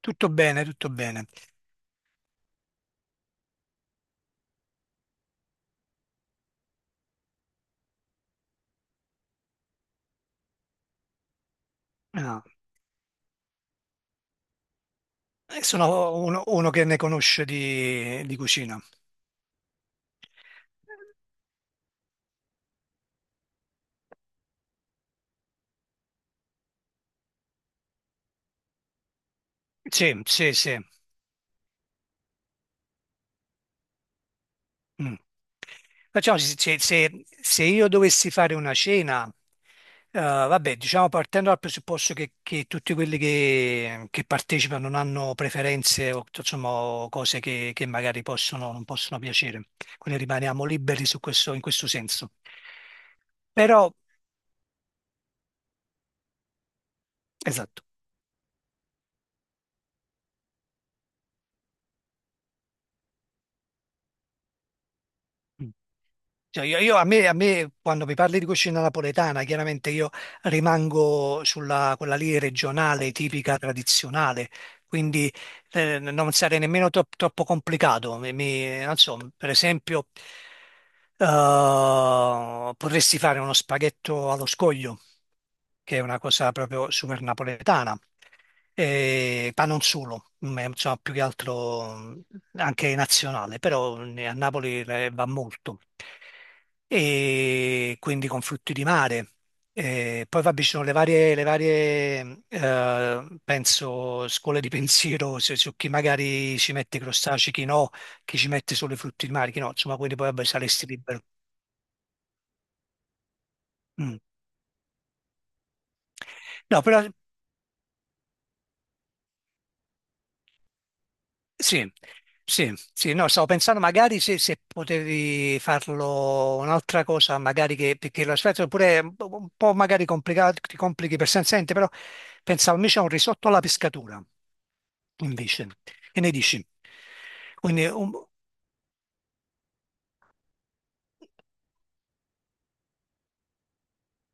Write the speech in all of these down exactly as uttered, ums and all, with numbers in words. Tutto bene, tutto bene. Ah, eh, sono uno, uno che ne conosce di, di cucina. Sì, sì, sì. Mm. Facciamoci, se, se- se io dovessi fare una cena, eh, vabbè, diciamo partendo dal presupposto che, che tutti quelli che, che partecipano non hanno preferenze o insomma o cose che, che magari possono, non possono piacere, quindi rimaniamo liberi su questo, in questo senso. Però, esatto. Mm. Cioè, io, io- a me, a me, quando mi parli di cucina napoletana, chiaramente io rimango sulla quella lì regionale, tipica, tradizionale, quindi eh, non sarei nemmeno tro- troppo complicato. Mi- mi- non so, per esempio, eh, potresti fare uno spaghetto allo scoglio, che è una cosa proprio super napoletana. Eh, ma non solo, mm, è, insomma, più che altro mm, anche nazionale. Però eh, a Napoli eh, va molto, e quindi con frutti di mare. Eh, poi vabbè, ci sono le varie, le varie eh, penso, scuole di pensiero su, su chi magari ci mette i crostacei, chi no, chi ci mette solo i frutti di mare, chi no, insomma, quindi poi vabbè, saresti libero. Mm. No, però sì, sì, sì, no, stavo pensando magari se, se potevi farlo un'altra cosa, magari che, perché l'aspetto oppure un po' un po' magari complicato, ti complichi per sensente, però pensavo invece a un risotto alla pescatura, invece, che ne dici? Quindi, un-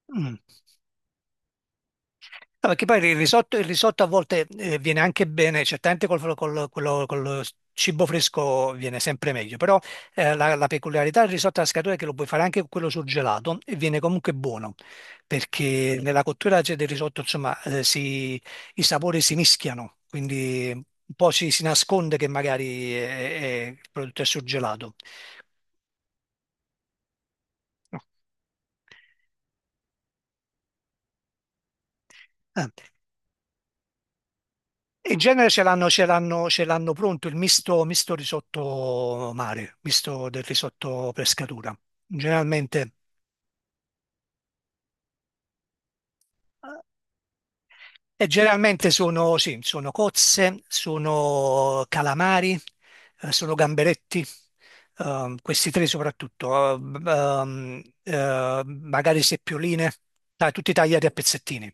mm. No, perché poi il risotto, il risotto a volte eh, viene anche bene, certamente col, col- quello- col cibo fresco viene sempre meglio. Però eh, la, la peculiarità del risotto alla scatola è che lo puoi fare anche con quello surgelato e viene comunque buono, perché nella cottura c'è del risotto, insomma, eh, si- i sapori si mischiano, quindi un po' ci si nasconde che magari eh, eh, il prodotto è surgelato. No. Ah. In genere ce l'hanno ce l'hanno- ce l'hanno pronto il misto, misto risotto mare, misto del risotto pescatura. Generalmente, e generalmente sono, sì, sono cozze, sono calamari, eh, sono gamberetti, ehm, questi tre soprattutto, eh, b- ehm, eh, magari seppioline, dai, tutti tagliati a pezzettini.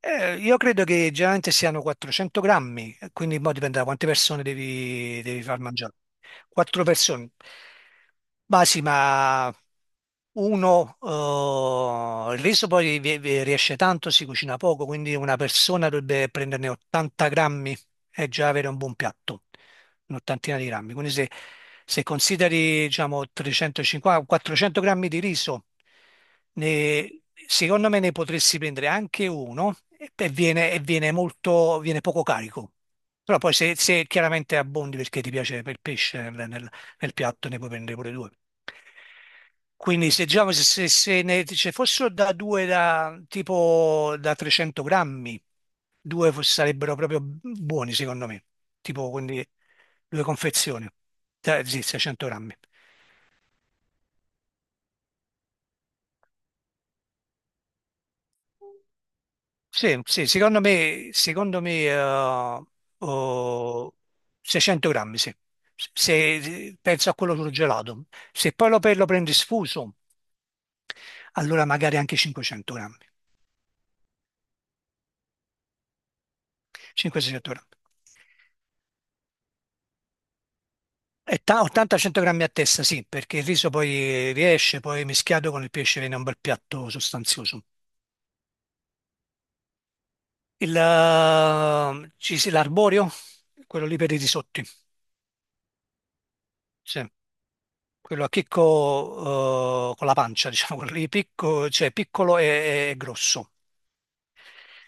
Eh, io credo che generalmente siano quattrocento grammi, eh, quindi mo dipende da quante persone devi, devi far mangiare. Quattro persone. Ma sì, ma uno, eh, il riso poi vi- vi riesce tanto, si cucina poco, quindi una persona dovrebbe prenderne ottanta grammi, è già avere un buon piatto, un'ottantina di grammi. Quindi se, se consideri, diciamo, trecentocinquanta, quattrocento grammi di riso, ne- secondo me ne potresti prendere anche uno, e, e viene, e viene molto, viene poco carico. Però poi se, se chiaramente abbondi perché ti piace il pesce nel, nel- nel piatto, ne puoi prendere pure due. Quindi se, diciamo, se, se- se ne ce fossero da due da tipo da trecento grammi. Due fo- sarebbero proprio buoni, secondo me. Tipo, quindi due confezioni. Eh, Sì, seicento grammi. Sì, sì, secondo me, secondo me eh, oh, seicento grammi, sì. Se, se- Penso a quello surgelato. Se poi lo, pe- lo prendi sfuso, allora magari anche cinquecento grammi. cinquecento seicento grammi. E ta- ottanta cento grammi a testa, sì, perché il riso poi riesce, poi mischiato con il pesce viene un bel piatto sostanzioso. Il, eh, ci si- l'arborio, quello lì per i risotti, sì. Quello a chicco, eh, con la pancia, diciamo, quello lì picco, cioè piccolo e, e grosso.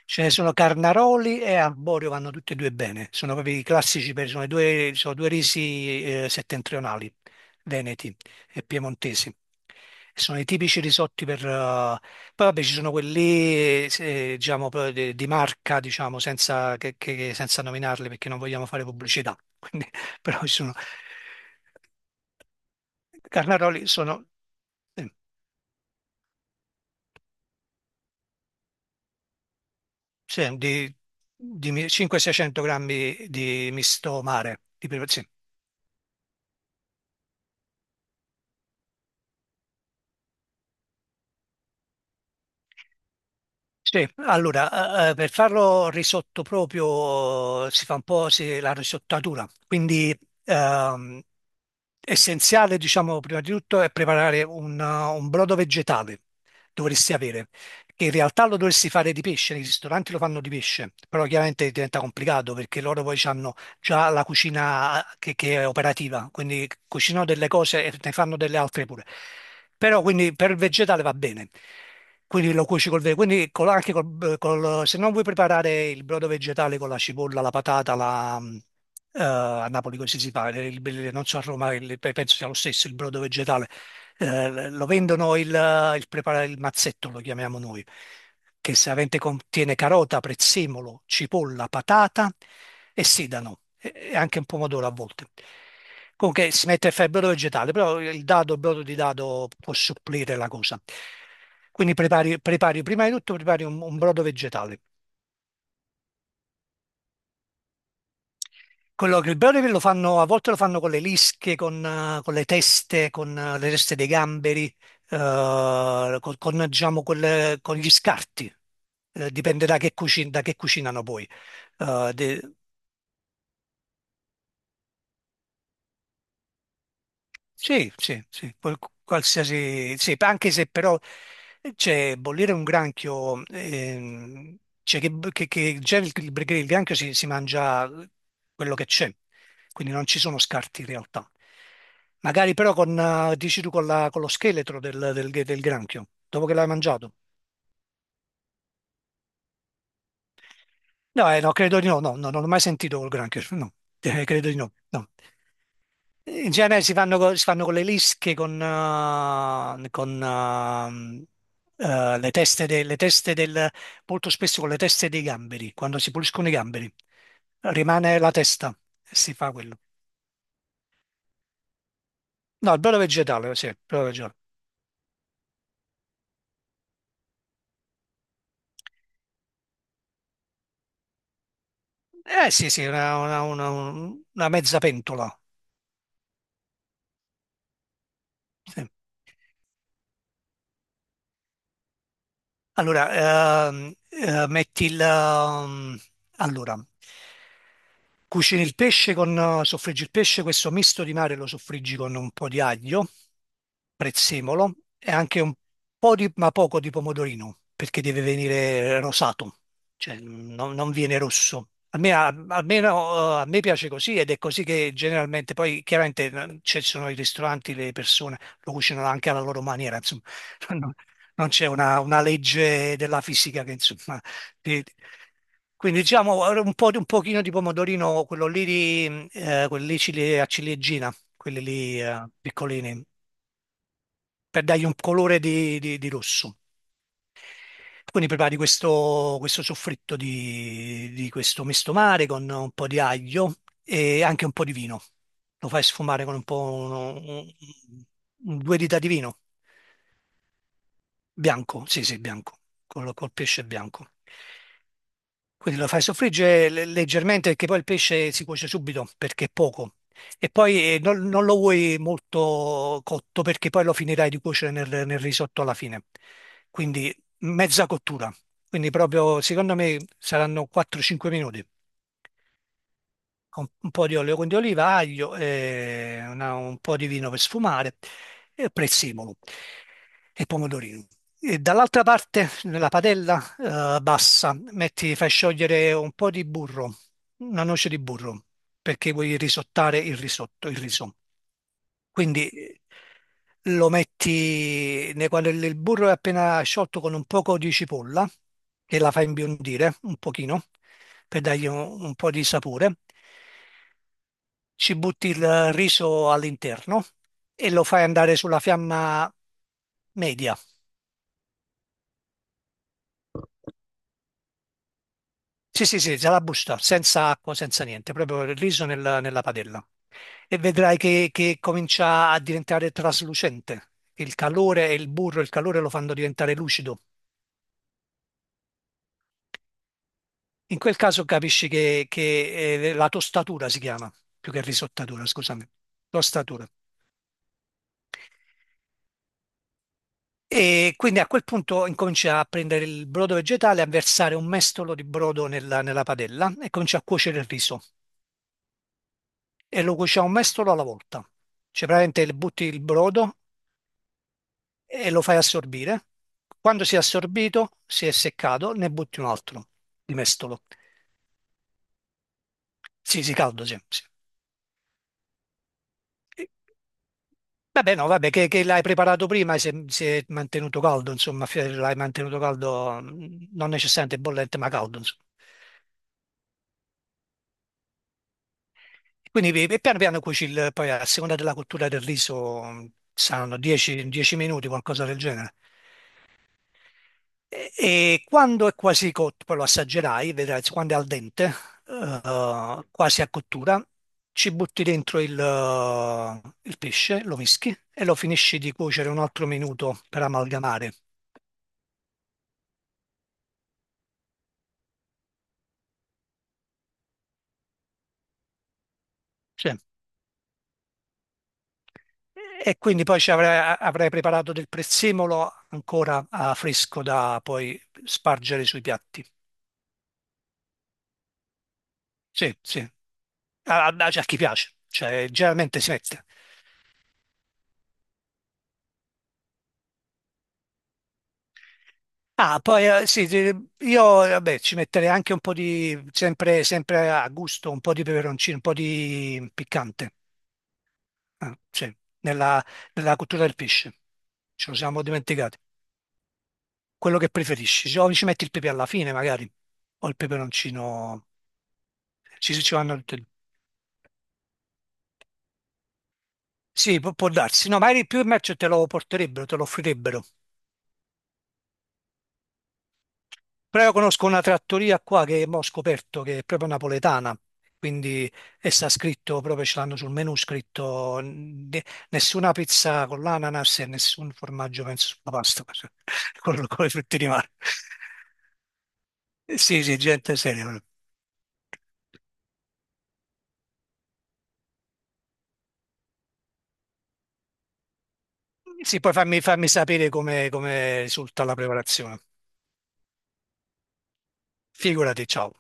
Ce ne sono Carnaroli e Arborio, vanno tutti e due bene. Sono proprio i classici, per- sono, i due, sono due risi eh, settentrionali, veneti e piemontesi. Sono i tipici risotti per. eh, Poi vabbè ci sono quelli, eh, diciamo, proprio di, di marca, diciamo, senza, che- che- senza nominarli perché non vogliamo fare pubblicità. Quindi, però ci sono. Carnaroli sono eh, sì, di, di da cinquecento a seicento grammi di misto mare, di, sì. Sì, allora, eh, eh, per farlo risotto proprio eh, si fa un po' si- la risottatura, quindi ehm, essenziale, diciamo, prima di tutto è preparare un, eh, un brodo vegetale, dovresti avere, che in realtà lo dovresti fare di pesce. Nei ristoranti lo fanno di pesce, però chiaramente diventa complicato perché loro poi hanno già la cucina che, che è operativa, quindi cucinano delle cose e ne fanno delle altre pure. Però quindi per il vegetale va bene, quindi lo cuoci col verde, quindi col- anche col, col- se non vuoi preparare il brodo vegetale con la cipolla, la patata, la, mm, eh, a Napoli così si fa. Il- il- non so a Roma, il- penso sia lo stesso il brodo vegetale. Eh, lo vendono il, eh, il, prepara- il mazzetto, lo chiamiamo noi, che solitamente contiene carota, prezzemolo, cipolla, patata e sedano e e anche un pomodoro a volte. Comunque si mette a fare il brodo vegetale, però il dado, il brodo di dado può supplire la cosa. Quindi prepari, prepari prima di tutto prepari un, un brodo vegetale. Quello che il Brawl lo fanno, a volte lo fanno con le lische, con, eh, con le teste, con eh, le teste dei gamberi, eh, con, con, diciamo, quelle- con gli scarti. Eh, dipende da che, cuci- da che cucinano poi. Eh, de- Sì, sì, sì, qual- qualsiasi, sì, anche se però eh, c'è bollire un granchio, ehm, cioè che, che- che già il, il- perché il granchio si, si mangia eh, quello che c'è, quindi non ci sono scarti in realtà. Magari però con, eh, dici tu, con, la- con lo scheletro del, del- del granchio, dopo che l'hai mangiato. No, eh, no, credo di no, no, no, non ho mai sentito col granchio, no. Eh, credo di no, no. In genere si fanno, co- si fanno con le lische, con, eh, con, ehm, eh, le teste, de- le teste del, molto spesso con le teste dei gamberi, quando si puliscono i gamberi, rimane la testa e si fa quello. No, il brodo vegetale, sì, il brodo vegetale. Eh sì, sì, una, una- una- una mezza pentola. Sì. Allora, ehm, eh, metti il. ehm, allora, cucini il pesce con. eh, soffriggi il pesce, questo misto di mare lo soffriggi con un po' di aglio, prezzemolo e anche un po' di, ma poco di pomodorino, perché deve venire rosato, cioè non, non viene rosso. A me, a, almeno, eh, a me piace così ed è così che generalmente, poi chiaramente eh, ci sono i ristoranti, le persone lo cucinano anche alla loro maniera, insomma. Non c'è una, una legge della fisica che insomma. ti- quindi diciamo un po' di un pochino di pomodorino, quello lì, di, eh, quelli lì cili- a ciliegina, quelli lì eh, piccolini, per dargli un colore di, di- di rosso. Quindi prepari questo, questo soffritto di, di questo misto mare con un po' di aglio e anche un po' di vino. Lo fai sfumare con un po' uno- un- un- due dita di vino bianco, sì sì bianco, col, col pesce bianco. Quindi lo fai soffriggere le- leggermente perché poi il pesce si cuoce subito perché è poco. E poi eh, non, non lo vuoi molto cotto perché poi lo finirai di cuocere nel, nel risotto alla fine. Quindi mezza cottura. Quindi proprio, secondo me, saranno quattro cinque minuti. Un, un po' di olio di oliva, aglio, e una- un po' di vino per sfumare, e prezzemolo e pomodorino. E dall'altra parte, nella padella eh, bassa, metti, fai sciogliere un po' di burro, una noce di burro, perché vuoi risottare il risotto, il riso. Quindi lo metti ne- quando il, il burro è appena sciolto con un poco di cipolla, che la fa imbiondire un pochino, per dargli un, un po' di sapore. Ci butti il riso all'interno e lo fai andare sulla fiamma media. Sì, sì, sì, la busta, senza acqua, senza niente, proprio il riso nella nella padella. E vedrai che, che comincia a diventare traslucente. Il calore e il burro, il calore lo fanno diventare lucido. In quel caso capisci che, che, eh, la tostatura si chiama, più che risottatura, scusami, tostatura. E quindi a quel punto incomincia a prendere il brodo vegetale, a versare un mestolo di brodo nella, nella padella e comincia a cuocere il riso. E lo cuoce un mestolo alla volta. Cioè praticamente le butti il brodo e lo fai assorbire. Quando si è assorbito, si è seccato, ne butti un altro di mestolo. Sì, sì, caldo, sì. Sì. Eh, Vabbè, no, vabbè, che, che l'hai preparato prima e si è, si è mantenuto caldo, insomma, fi- l'hai mantenuto caldo, mh, non necessariamente bollente, ma caldo, insomma. Quindi pi- piano piano cuoci il- poi a seconda della cottura del riso, mh, saranno dieci dieci minuti, qualcosa del genere. E, e quando è quasi cotto, poi lo assaggerai, vedrai quando è al dente, eh, quasi a cottura, ci butti dentro il, eh, il pesce, lo mischi e lo finisci di cuocere un altro minuto per amalgamare. Sì. E quindi poi ci avrai, avrai preparato del prezzemolo ancora ah, fresco da poi spargere sui piatti. Sì, sì. A, a- a chi piace, cioè, generalmente si mette. Ah, poi eh, sì, sì, io vabbè, ci metterei anche un po' di, sempre, sempre a gusto, un po' di peperoncino, un po' di piccante. Ah, sì, nella, nella cottura del pesce, ce lo siamo dimenticati. Quello che preferisci, ci- o ci metti il pepe alla fine magari, o il peperoncino, ci, ci vanno tutte e due. Sì, può, può darsi, no, magari più in merce te lo porterebbero, te lo offrirebbero. Però io conosco una trattoria qua che mo ho scoperto che è proprio napoletana, quindi e sta scritto, proprio ce l'hanno sul menù scritto n- ne- nessuna pizza con l'ananas e nessun formaggio, penso, sulla pasta, con, con le frutte di mare. Sì, sì, gente seria. Sì, poi fammi, fammi sapere come, come risulta la preparazione. Figurati, ciao.